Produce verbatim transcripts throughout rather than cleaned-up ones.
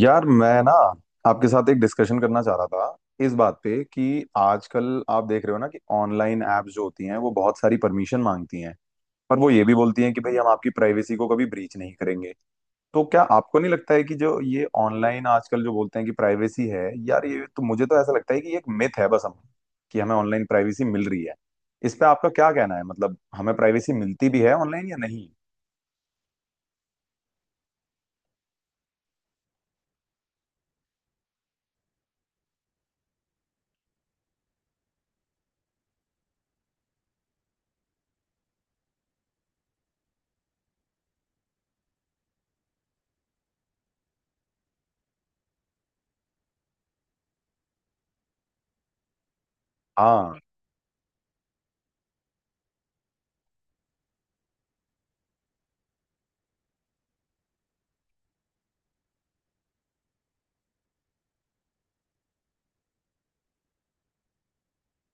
यार मैं ना आपके साथ एक डिस्कशन करना चाह रहा था इस बात पे कि आजकल आप देख रहे हो ना कि ऑनलाइन एप्स जो होती हैं वो बहुत सारी परमिशन मांगती हैं। पर वो ये भी बोलती हैं कि भाई हम आपकी प्राइवेसी को कभी ब्रीच नहीं करेंगे। तो क्या आपको नहीं लगता है कि जो ये ऑनलाइन आजकल जो बोलते हैं कि प्राइवेसी है यार, ये तो, मुझे तो ऐसा लगता है कि ये एक मिथ है बस, हम कि हमें ऑनलाइन प्राइवेसी मिल रही है। इस पे आपका क्या कहना है, मतलब हमें प्राइवेसी मिलती भी है ऑनलाइन या नहीं? हाँ।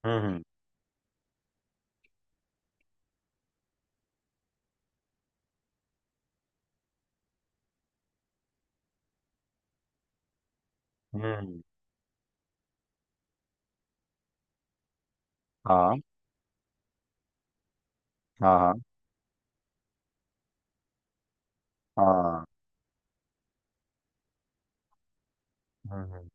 हम्म। हम्म। हम्म। हाँ हाँ। हाँ। हाँ। हम्म, हम्म।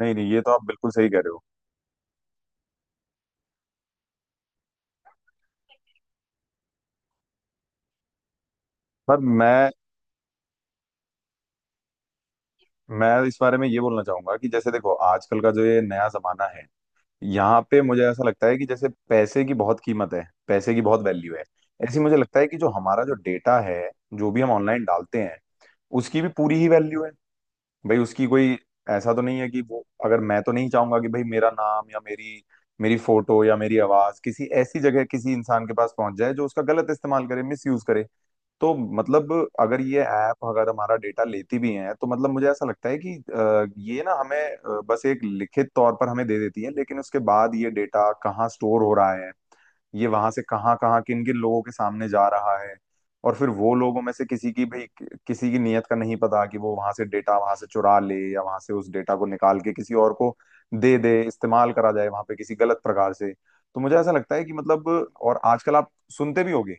नहीं नहीं, ये तो आप बिल्कुल सही कह रहे हो। पर मैं मैं इस बारे में ये बोलना चाहूंगा कि जैसे देखो आजकल का जो ये नया जमाना है, यहाँ पे मुझे ऐसा लगता है कि जैसे पैसे की बहुत कीमत है, पैसे की बहुत वैल्यू है। ऐसे ही मुझे लगता है कि जो हमारा जो डेटा है, जो भी हम ऑनलाइन डालते हैं, उसकी भी पूरी ही वैल्यू है भाई। उसकी कोई ऐसा तो नहीं है कि वो, अगर, मैं तो नहीं चाहूंगा कि भाई मेरा नाम या मेरी मेरी फोटो या मेरी आवाज किसी ऐसी जगह किसी इंसान के पास पहुंच जाए जो उसका गलत इस्तेमाल करे, मिस यूज करे। तो मतलब, अगर ये ऐप अगर हमारा डेटा लेती भी है तो मतलब मुझे ऐसा लगता है कि अ, ये ना हमें अ, बस एक लिखित तौर पर हमें दे देती है, लेकिन उसके बाद ये डेटा कहाँ स्टोर हो रहा है, ये वहां से कहाँ कहाँ किन किन लोगों के सामने जा रहा है, और फिर वो लोगों में से किसी की भी, किसी की नीयत का नहीं पता कि वो वहां से डेटा, वहां से चुरा ले या वहां से उस डेटा को निकाल के किसी और को दे दे, इस्तेमाल करा जाए वहां पे किसी गलत प्रकार से। तो मुझे ऐसा लगता है कि मतलब, और आजकल आप सुनते भी होगे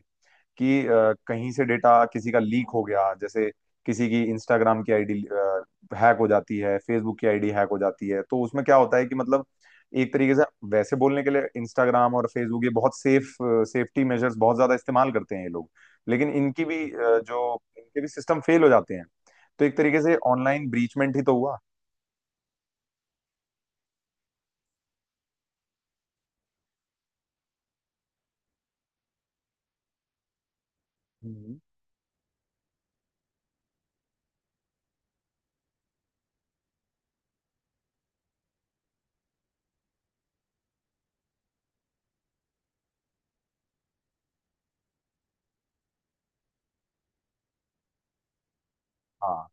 कि अ, कहीं से डेटा किसी का लीक हो गया, जैसे किसी की इंस्टाग्राम की आईडी हैक हो जाती है, फेसबुक की आईडी हैक हो जाती है। तो उसमें क्या होता है कि मतलब एक तरीके से, वैसे बोलने के लिए इंस्टाग्राम और फेसबुक ये बहुत सेफ सेफ्टी मेजर्स बहुत ज्यादा इस्तेमाल करते हैं ये लोग, लेकिन इनकी भी अ, जो इनके भी सिस्टम फेल हो जाते हैं। तो एक तरीके से ऑनलाइन ब्रीचमेंट ही तो हुआ। हम्म। हाँ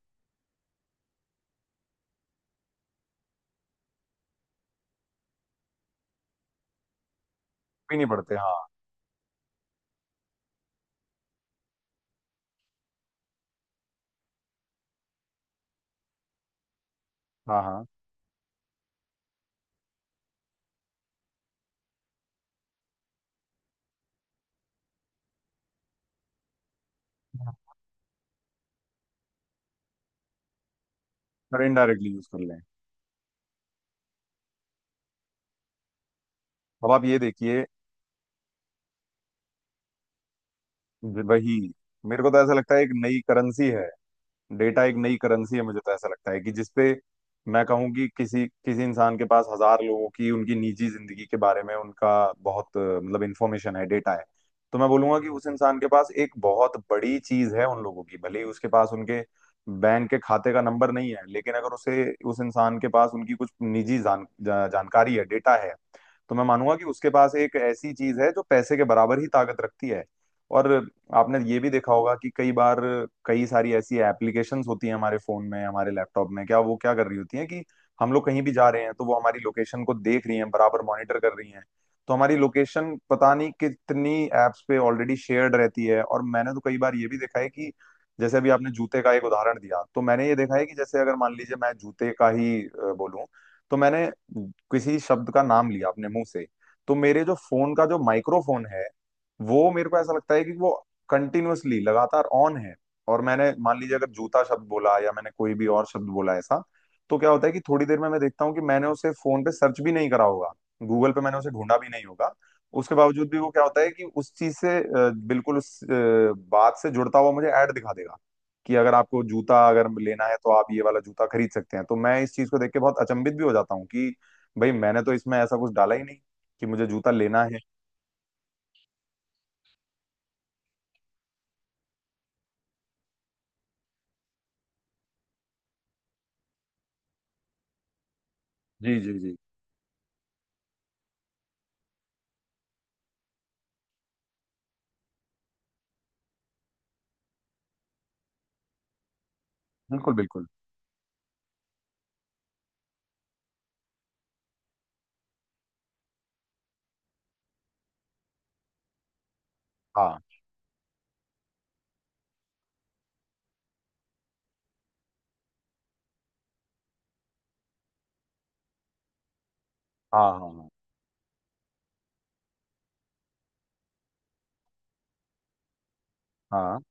भी नहीं पड़ते, हाँ। हाँ। हाँ। हाँ। और इनडायरेक्टली यूज कर लें। अब आप ये देखिए, वही, मेरे को तो ऐसा लगता है एक नई करेंसी है, डेटा एक नई करेंसी है। मुझे तो ऐसा लगता है कि जिसपे मैं कहूँ कि किसी किसी इंसान के पास हजार लोगों की उनकी निजी जिंदगी के बारे में उनका बहुत अ, मतलब इंफॉर्मेशन है, डेटा है, तो मैं बोलूंगा कि उस इंसान के पास एक बहुत बड़ी चीज है उन लोगों की। भले ही उसके पास उनके बैंक के खाते का नंबर नहीं है, लेकिन अगर उसे, उस इंसान के पास उनकी कुछ निजी जान जा, जानकारी है, डेटा है, तो मैं मानूंगा कि उसके पास एक ऐसी चीज है जो पैसे के बराबर ही ताकत रखती है। और आपने ये भी देखा होगा कि कई बार, कई सारी ऐसी एप्लीकेशंस होती हैं हमारे फोन में, हमारे लैपटॉप में, क्या वो क्या कर रही होती हैं कि हम लोग कहीं भी जा रहे हैं तो वो हमारी लोकेशन को देख रही हैं, बराबर मॉनिटर कर रही हैं। तो हमारी लोकेशन पता नहीं कितनी एप्स पे ऑलरेडी शेयर्ड रहती है। और मैंने तो कई बार ये भी देखा है कि जैसे अभी आपने जूते का एक उदाहरण दिया, तो मैंने ये देखा है कि जैसे अगर मान लीजिए मैं जूते का ही बोलूँ, तो मैंने किसी शब्द का नाम लिया अपने मुंह से, तो मेरे जो फोन का जो माइक्रोफोन है वो, मेरे को ऐसा लगता है कि वो कंटिन्यूअसली लगातार ऑन है। और मैंने मान लीजिए अगर जूता शब्द बोला, या मैंने कोई भी और शब्द बोला ऐसा, तो क्या होता है कि थोड़ी देर में मैं देखता हूँ कि मैंने उसे फोन पे सर्च भी नहीं करा होगा, गूगल पे मैंने उसे ढूंढा भी नहीं होगा, उसके बावजूद भी वो क्या होता है कि उस चीज से अ, बिल्कुल उस अ, बात से जुड़ता हुआ मुझे ऐड दिखा देगा कि अगर आपको जूता अगर लेना है तो आप ये वाला जूता खरीद सकते हैं। तो मैं इस चीज को देख के बहुत अचंभित भी हो जाता हूँ कि भाई मैंने तो इसमें ऐसा कुछ डाला ही नहीं कि मुझे जूता लेना है। जी जी जी। बिल्कुल बिल्कुल। हाँ हाँ हाँ। हाँ। हाँ।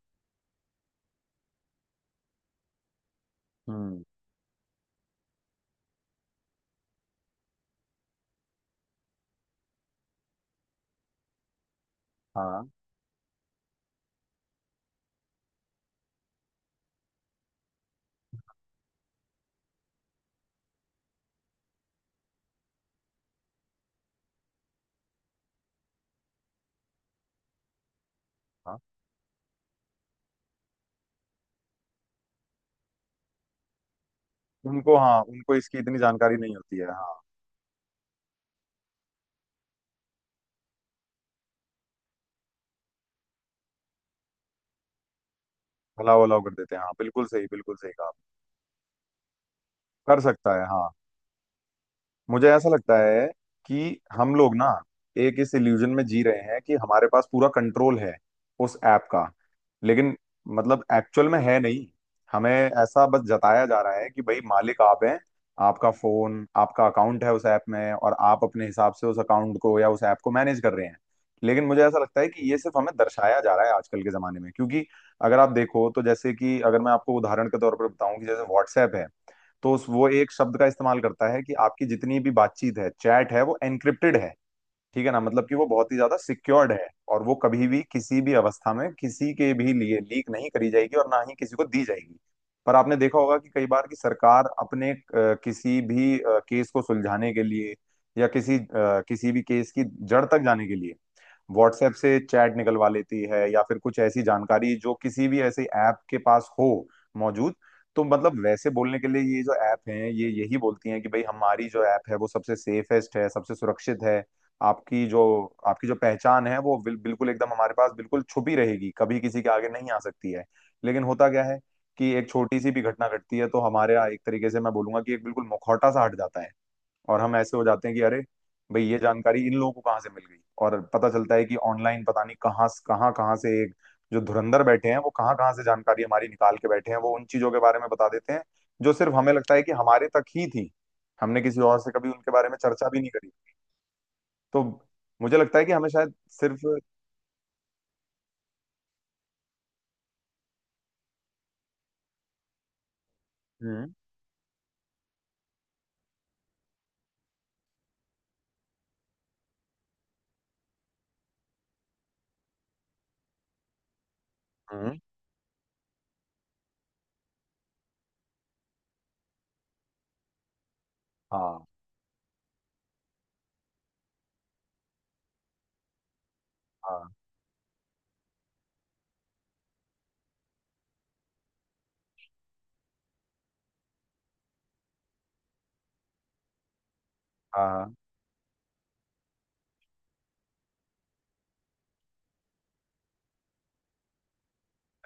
हम्म। हाँ। हाँ। उनको, हाँ उनको इसकी इतनी जानकारी नहीं होती है, हाँ। भला वलाव कर देते हैं, हाँ बिल्कुल सही, बिल्कुल सही कहा आपने। कर सकता है, हाँ। मुझे ऐसा लगता है कि हम लोग ना एक इस इल्यूजन में जी रहे हैं कि हमारे पास पूरा कंट्रोल है उस ऐप का। लेकिन मतलब एक्चुअल में है नहीं, हमें ऐसा बस जताया जा रहा है कि भाई मालिक आप हैं, आपका फोन, आपका अकाउंट है उस ऐप में, और आप अपने हिसाब से उस अकाउंट को या उस ऐप को मैनेज कर रहे हैं। लेकिन मुझे ऐसा लगता है कि ये सिर्फ हमें दर्शाया जा रहा है आजकल के जमाने में, क्योंकि अगर आप देखो तो जैसे कि अगर मैं आपको उदाहरण के तौर पर बताऊं कि जैसे व्हाट्सएप है, तो उस वो एक शब्द का इस्तेमाल करता है कि आपकी जितनी भी बातचीत है, चैट है, वो एनक्रिप्टेड है, ठीक है ना, मतलब कि वो बहुत ही ज्यादा सिक्योर्ड है और वो कभी भी किसी भी अवस्था में किसी के भी लिए लीक नहीं करी जाएगी और ना ही किसी को दी जाएगी। पर आपने देखा होगा कि कई बार की सरकार अपने अ, किसी भी अ, केस को सुलझाने के लिए, या किसी अ, किसी भी केस की जड़ तक जाने के लिए व्हाट्सएप से चैट निकलवा लेती है, या फिर कुछ ऐसी जानकारी जो किसी भी ऐसे ऐप के पास हो मौजूद। तो मतलब वैसे बोलने के लिए ये जो ऐप हैं ये यही बोलती हैं कि भाई हमारी जो ऐप है वो सबसे सेफेस्ट है, सबसे सुरक्षित है। आपकी जो आपकी जो पहचान है वो बिल, बिल्कुल एकदम हमारे पास बिल्कुल छुपी रहेगी, कभी किसी के आगे नहीं आ सकती है। लेकिन होता क्या है कि एक छोटी सी भी घटना घटती है तो हमारे यहाँ एक तरीके से मैं बोलूंगा कि एक बिल्कुल मुखौटा सा हट जाता है, और हम ऐसे हो जाते हैं कि अरे भाई ये जानकारी इन लोगों को कहाँ से मिल गई। और पता चलता है कि ऑनलाइन पता नहीं कहाँ कहाँ कहाँ से एक जो धुरंधर बैठे हैं वो कहाँ कहाँ से जानकारी हमारी निकाल के बैठे हैं, वो उन चीजों के बारे में बता देते हैं जो सिर्फ हमें लगता है कि हमारे तक ही थी, हमने किसी और से कभी उनके बारे में चर्चा भी नहीं करी। तो मुझे लगता है कि हमें शायद सिर्फ, हम्म। हम्म। हाँ। हाँ। हाँ। हाँ,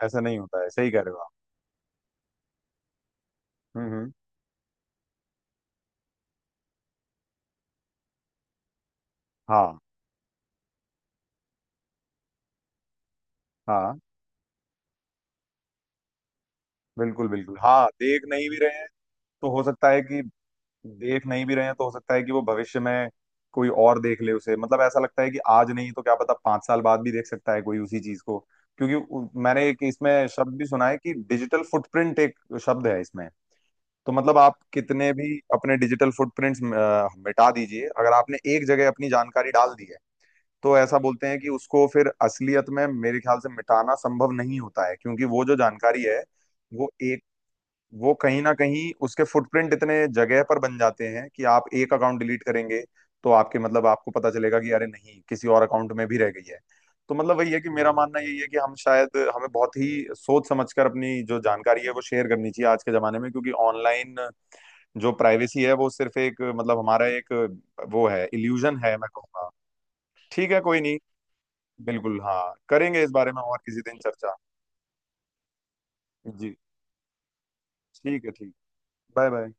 ऐसा नहीं होता है सही कह रहे हो आप। हम्म, हम्म। हाँ। हाँ बिल्कुल बिल्कुल, हाँ देख नहीं भी रहे हैं तो हो सकता है कि, देख नहीं भी रहे हैं तो हो सकता है कि वो भविष्य में कोई और देख ले उसे, मतलब ऐसा लगता है कि आज नहीं तो क्या पता पांच साल बाद भी देख सकता है कोई उसी चीज को। क्योंकि उ- मैंने एक इसमें शब्द भी सुना है कि डिजिटल फुटप्रिंट एक शब्द है इसमें। तो मतलब आप कितने भी अपने डिजिटल फुटप्रिंट्स मिटा दीजिए, अगर आपने एक जगह अपनी जानकारी डाल दी है तो ऐसा बोलते हैं कि उसको फिर असलियत में मेरे ख्याल से मिटाना संभव नहीं होता है। क्योंकि वो जो जानकारी है वो एक वो कहीं ना कहीं उसके फुटप्रिंट इतने जगह पर बन जाते हैं कि आप एक अकाउंट डिलीट करेंगे तो आपके, मतलब आपको पता चलेगा कि अरे नहीं किसी और अकाउंट में भी रह गई है। तो मतलब वही है कि मेरा मानना यही है कि हम शायद हमें बहुत ही सोच समझकर अपनी जो जानकारी है वो शेयर करनी चाहिए आज के जमाने में, क्योंकि ऑनलाइन जो प्राइवेसी है वो सिर्फ एक, मतलब हमारा एक, वो है इल्यूजन है, मैं कहूँगा। ठीक है कोई नहीं, बिल्कुल हाँ, करेंगे इस बारे में और किसी दिन चर्चा। जी, ठीक है, ठीक, बाय बाय।